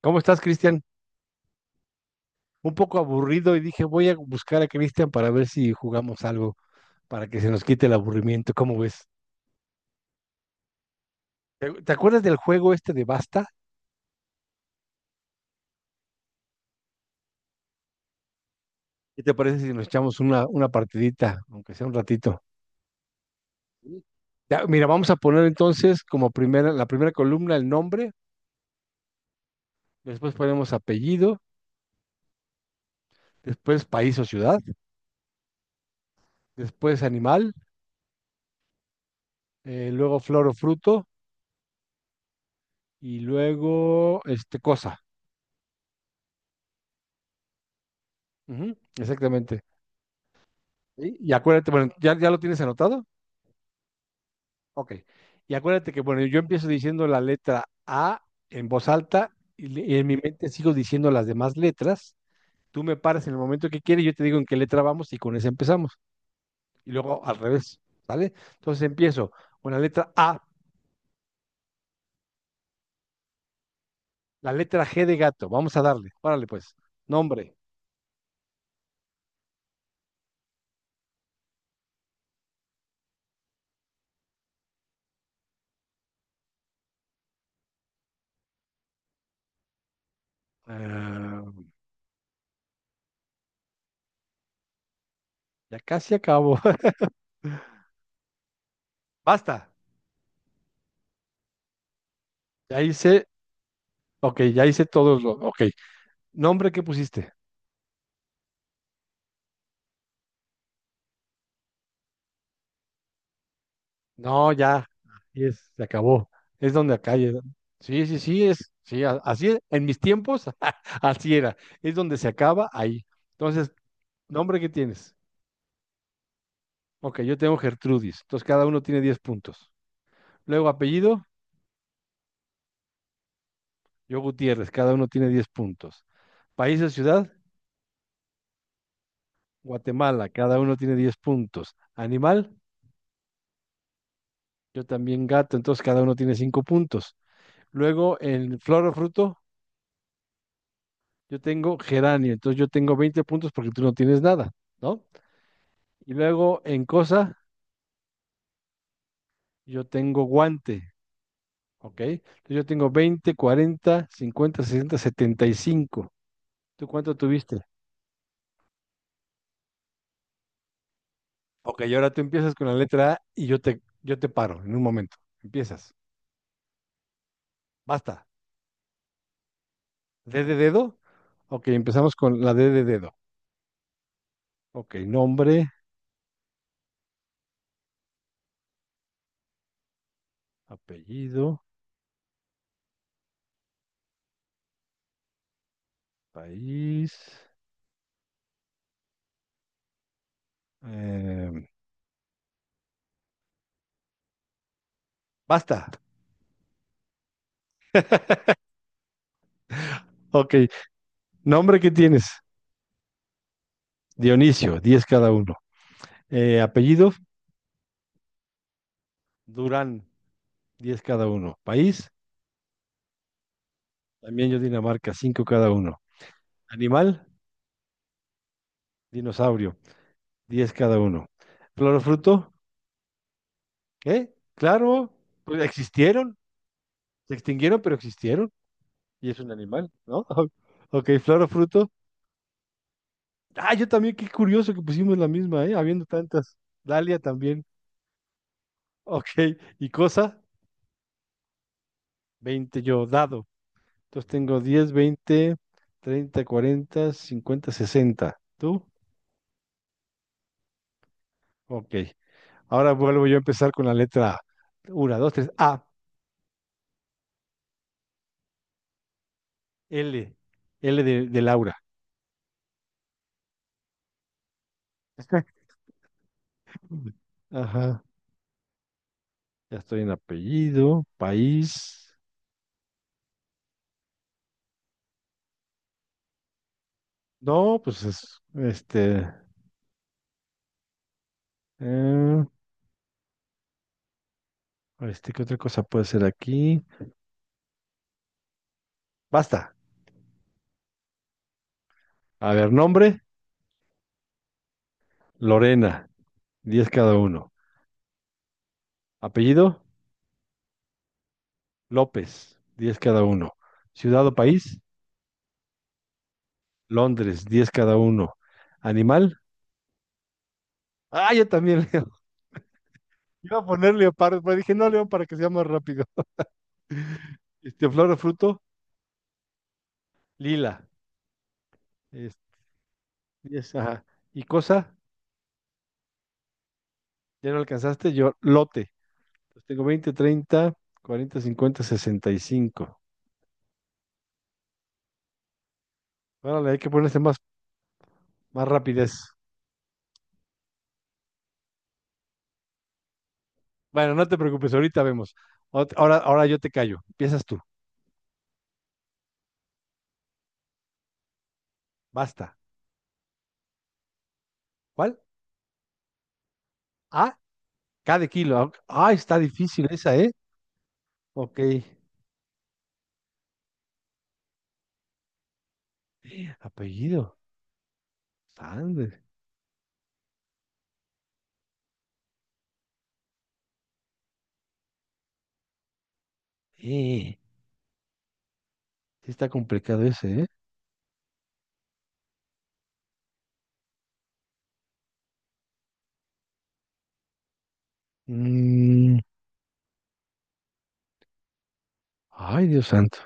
¿Cómo estás, Cristian? Un poco aburrido y dije, voy a buscar a Cristian para ver si jugamos algo, para que se nos quite el aburrimiento. ¿Cómo ves? ¿Te acuerdas del juego este de Basta? ¿Qué te parece si nos echamos una partidita, aunque sea un ratito? Sí. Ya, mira, vamos a poner entonces como primera, la primera columna el nombre, después ponemos apellido, después país o ciudad, después animal, luego flor o fruto y luego este cosa. Ujú, exactamente. Y acuérdate, bueno, ¿ya lo tienes anotado? Ok. Y acuérdate que, bueno, yo empiezo diciendo la letra A en voz alta y, y en mi mente sigo diciendo las demás letras. Tú me paras en el momento que quieres, yo te digo en qué letra vamos y con esa empezamos. Y luego al revés, ¿vale? Entonces empiezo con la letra A, la letra G de gato. Vamos a darle. Órale, pues. Nombre. Ah, ya casi acabo. Basta. Ya hice, ok, ya hice todos los, ok. Nombre que pusiste. No, ya, así es, se acabó. Es donde acá. Sí, sí, sí, sí, así es. En mis tiempos, así era. Es donde se acaba ahí. Entonces, nombre que tienes. Ok, yo tengo Gertrudis. Entonces, cada uno tiene 10 puntos. Luego, apellido, yo Gutiérrez. Cada uno tiene 10 puntos. País o ciudad, Guatemala. Cada uno tiene 10 puntos. Animal, yo también gato. Entonces, cada uno tiene 5 puntos. Luego, en flor o fruto, yo tengo geranio. Entonces, yo tengo 20 puntos porque tú no tienes nada, ¿no? Y luego en cosa, yo tengo guante, ¿ok? Entonces yo tengo veinte, cuarenta, cincuenta, sesenta, setenta y cinco. ¿Tú cuánto tuviste? Ok, y ahora tú empiezas con la letra A y yo te paro en un momento. Empiezas. Basta. ¿D de dedo? Ok, empezamos con la D de dedo. Ok, nombre, apellido, país. em, basta. Ok, nombre que tienes. Dionisio, 10 cada uno. Apellido, Durán. Diez cada uno. País, también yo Dinamarca, 5 cada uno. Animal, dinosaurio, 10 cada uno. Flor o fruto, ¿eh? Claro, pues existieron, se extinguieron, pero existieron. Y es un animal, ¿no? Ok, flor o fruto. Ah, yo también, qué curioso que pusimos la misma, ¿eh? Habiendo tantas. Dalia también. Ok, y cosa, 20 yo, dado. Entonces tengo diez, veinte, treinta, cuarenta, cincuenta, sesenta. ¿Tú? Ok. Ahora vuelvo yo a empezar con la letra A. Una, dos, tres, A, L, L de Laura. Ajá, ya estoy en apellido, país. No, pues es, este, eh, este, ¿qué otra cosa puede ser aquí? Basta. A ver, nombre, Lorena, 10 cada uno. Apellido, López, 10 cada uno. Ciudad o país, Londres, diez cada uno. Animal, ah, yo también, Leo. Iba a poner leopardo, pero dije, no, león, para que sea más rápido. Este, flor o fruto, lila. Es- es, ajá. Y cosa, ya no alcanzaste, yo, lote. Entonces tengo veinte, treinta, cuarenta, cincuenta, sesenta y cinco. Órale, hay que ponerse más, más rapidez. Bueno, no te preocupes, ahorita vemos. Ahora, ahora yo te callo. Empiezas tú. Basta. ¿Cuál? Ah, cada kilo. Ah, está difícil esa, ¿eh? Ok. Apellido. Sanders. Eh, sí está complicado ese, ¿eh? Mm, ay, Dios santo.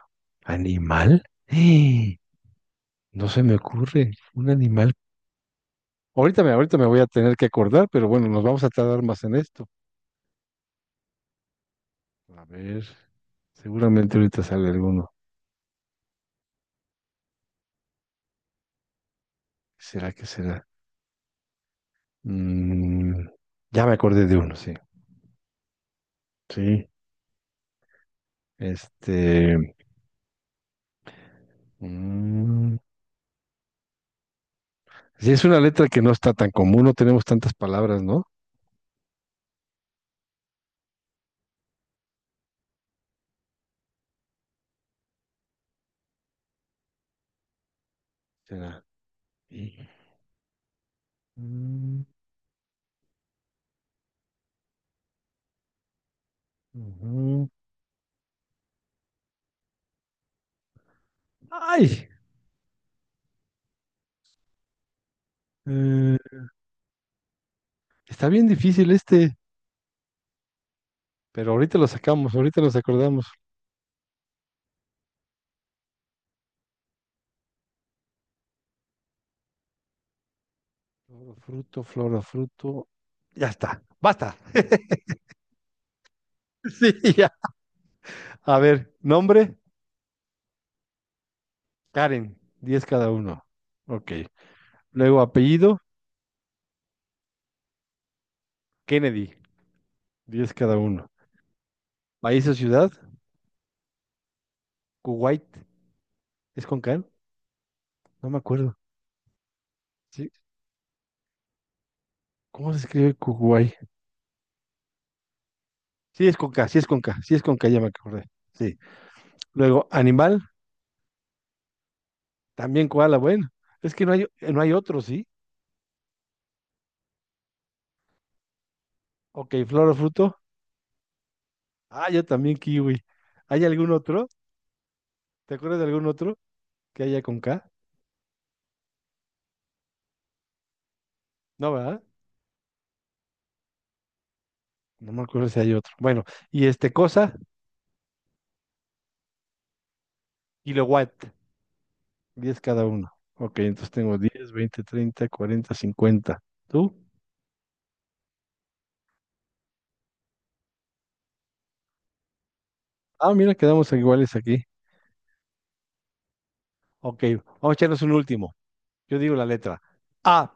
¿Animal? No se me ocurre un animal. Ahorita me voy a tener que acordar, pero bueno, nos vamos a tardar más en esto. A ver, seguramente ahorita sale alguno. ¿Será que será? Mm, ya me acordé de uno, sí. Sí. Este. mm, sí, es una letra que no está tan común, no tenemos tantas palabras, ¿no? ¿Será? Sí. Mm, ujú. ¡Ay! Eh, está bien difícil este, pero ahorita lo sacamos, ahorita nos acordamos. Floro, fruto, floro, fruto. Ya está, basta. Sí, ya. A ver, nombre, Karen, 10 cada uno. Ok. Luego apellido, Kennedy, diez cada uno. País o ciudad, Kuwait. ¿Es con K? No me acuerdo. Sí. ¿Cómo se escribe Kuwait? Sí, es con K, sí es con K, sí es con K, ya me acordé. Sí. Luego, animal, también koala, bueno. Es que no hay, no hay otro, ¿sí? Ok, flor o fruto. Ah, yo también kiwi. ¿Hay algún otro? ¿Te acuerdas de algún otro? Que haya con K. No, ¿verdad? No me acuerdo si hay otro. Bueno, y este cosa, kilowatt, 10 cada uno. Ok, entonces tengo diez, veinte, treinta, cuarenta, cincuenta. ¿Tú? Ah, mira, quedamos iguales aquí. Ok, vamos a echarnos un último. Yo digo la letra. A,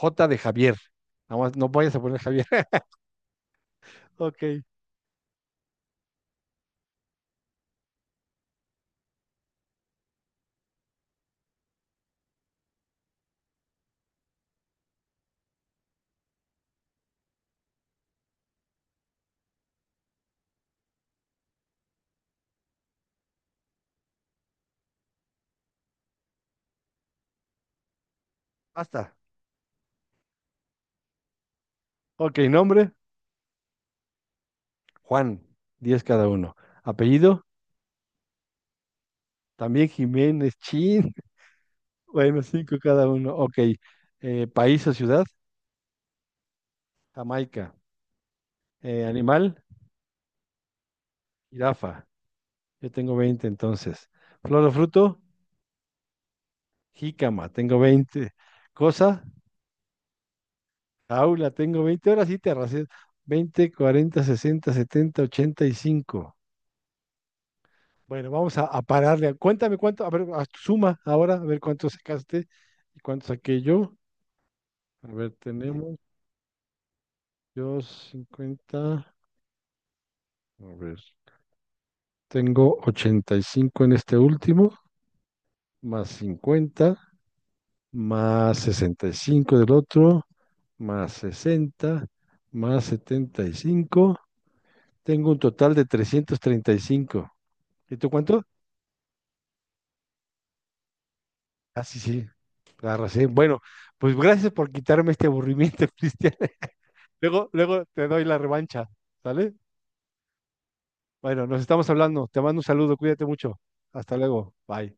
J de Javier. Nada más, no vayas a poner Javier. Ok, basta. Ok, nombre, Juan, 10 cada uno. Apellido, también Jiménez Chin. Bueno, 5 cada uno. Ok, país o ciudad, Jamaica. Animal, jirafa. Yo tengo 20, entonces. Flor o fruto, jícama. Tengo 20. Cosa, jaula. Tengo 20. Ahora sí te arrasé. Veinte, cuarenta, sesenta, setenta, ochenta y cinco. Bueno, vamos a pararle. Cuéntame cuánto. A ver, suma ahora, a ver cuánto sacaste y cuánto saqué yo. A ver, tenemos yo 50. A ver, tengo 85 en este último, más 50, más 65 del otro, más sesenta, más setenta y cinco. Tengo un total de trescientos treinta. ¿Y cinco y tú cuánto? Ah, sí, sí, la arrasé. Bueno, pues gracias por quitarme este aburrimiento, Cristian. Luego, luego te doy la revancha, ¿sale? Bueno, nos estamos hablando. Te mando un saludo, cuídate mucho. Hasta luego. Bye.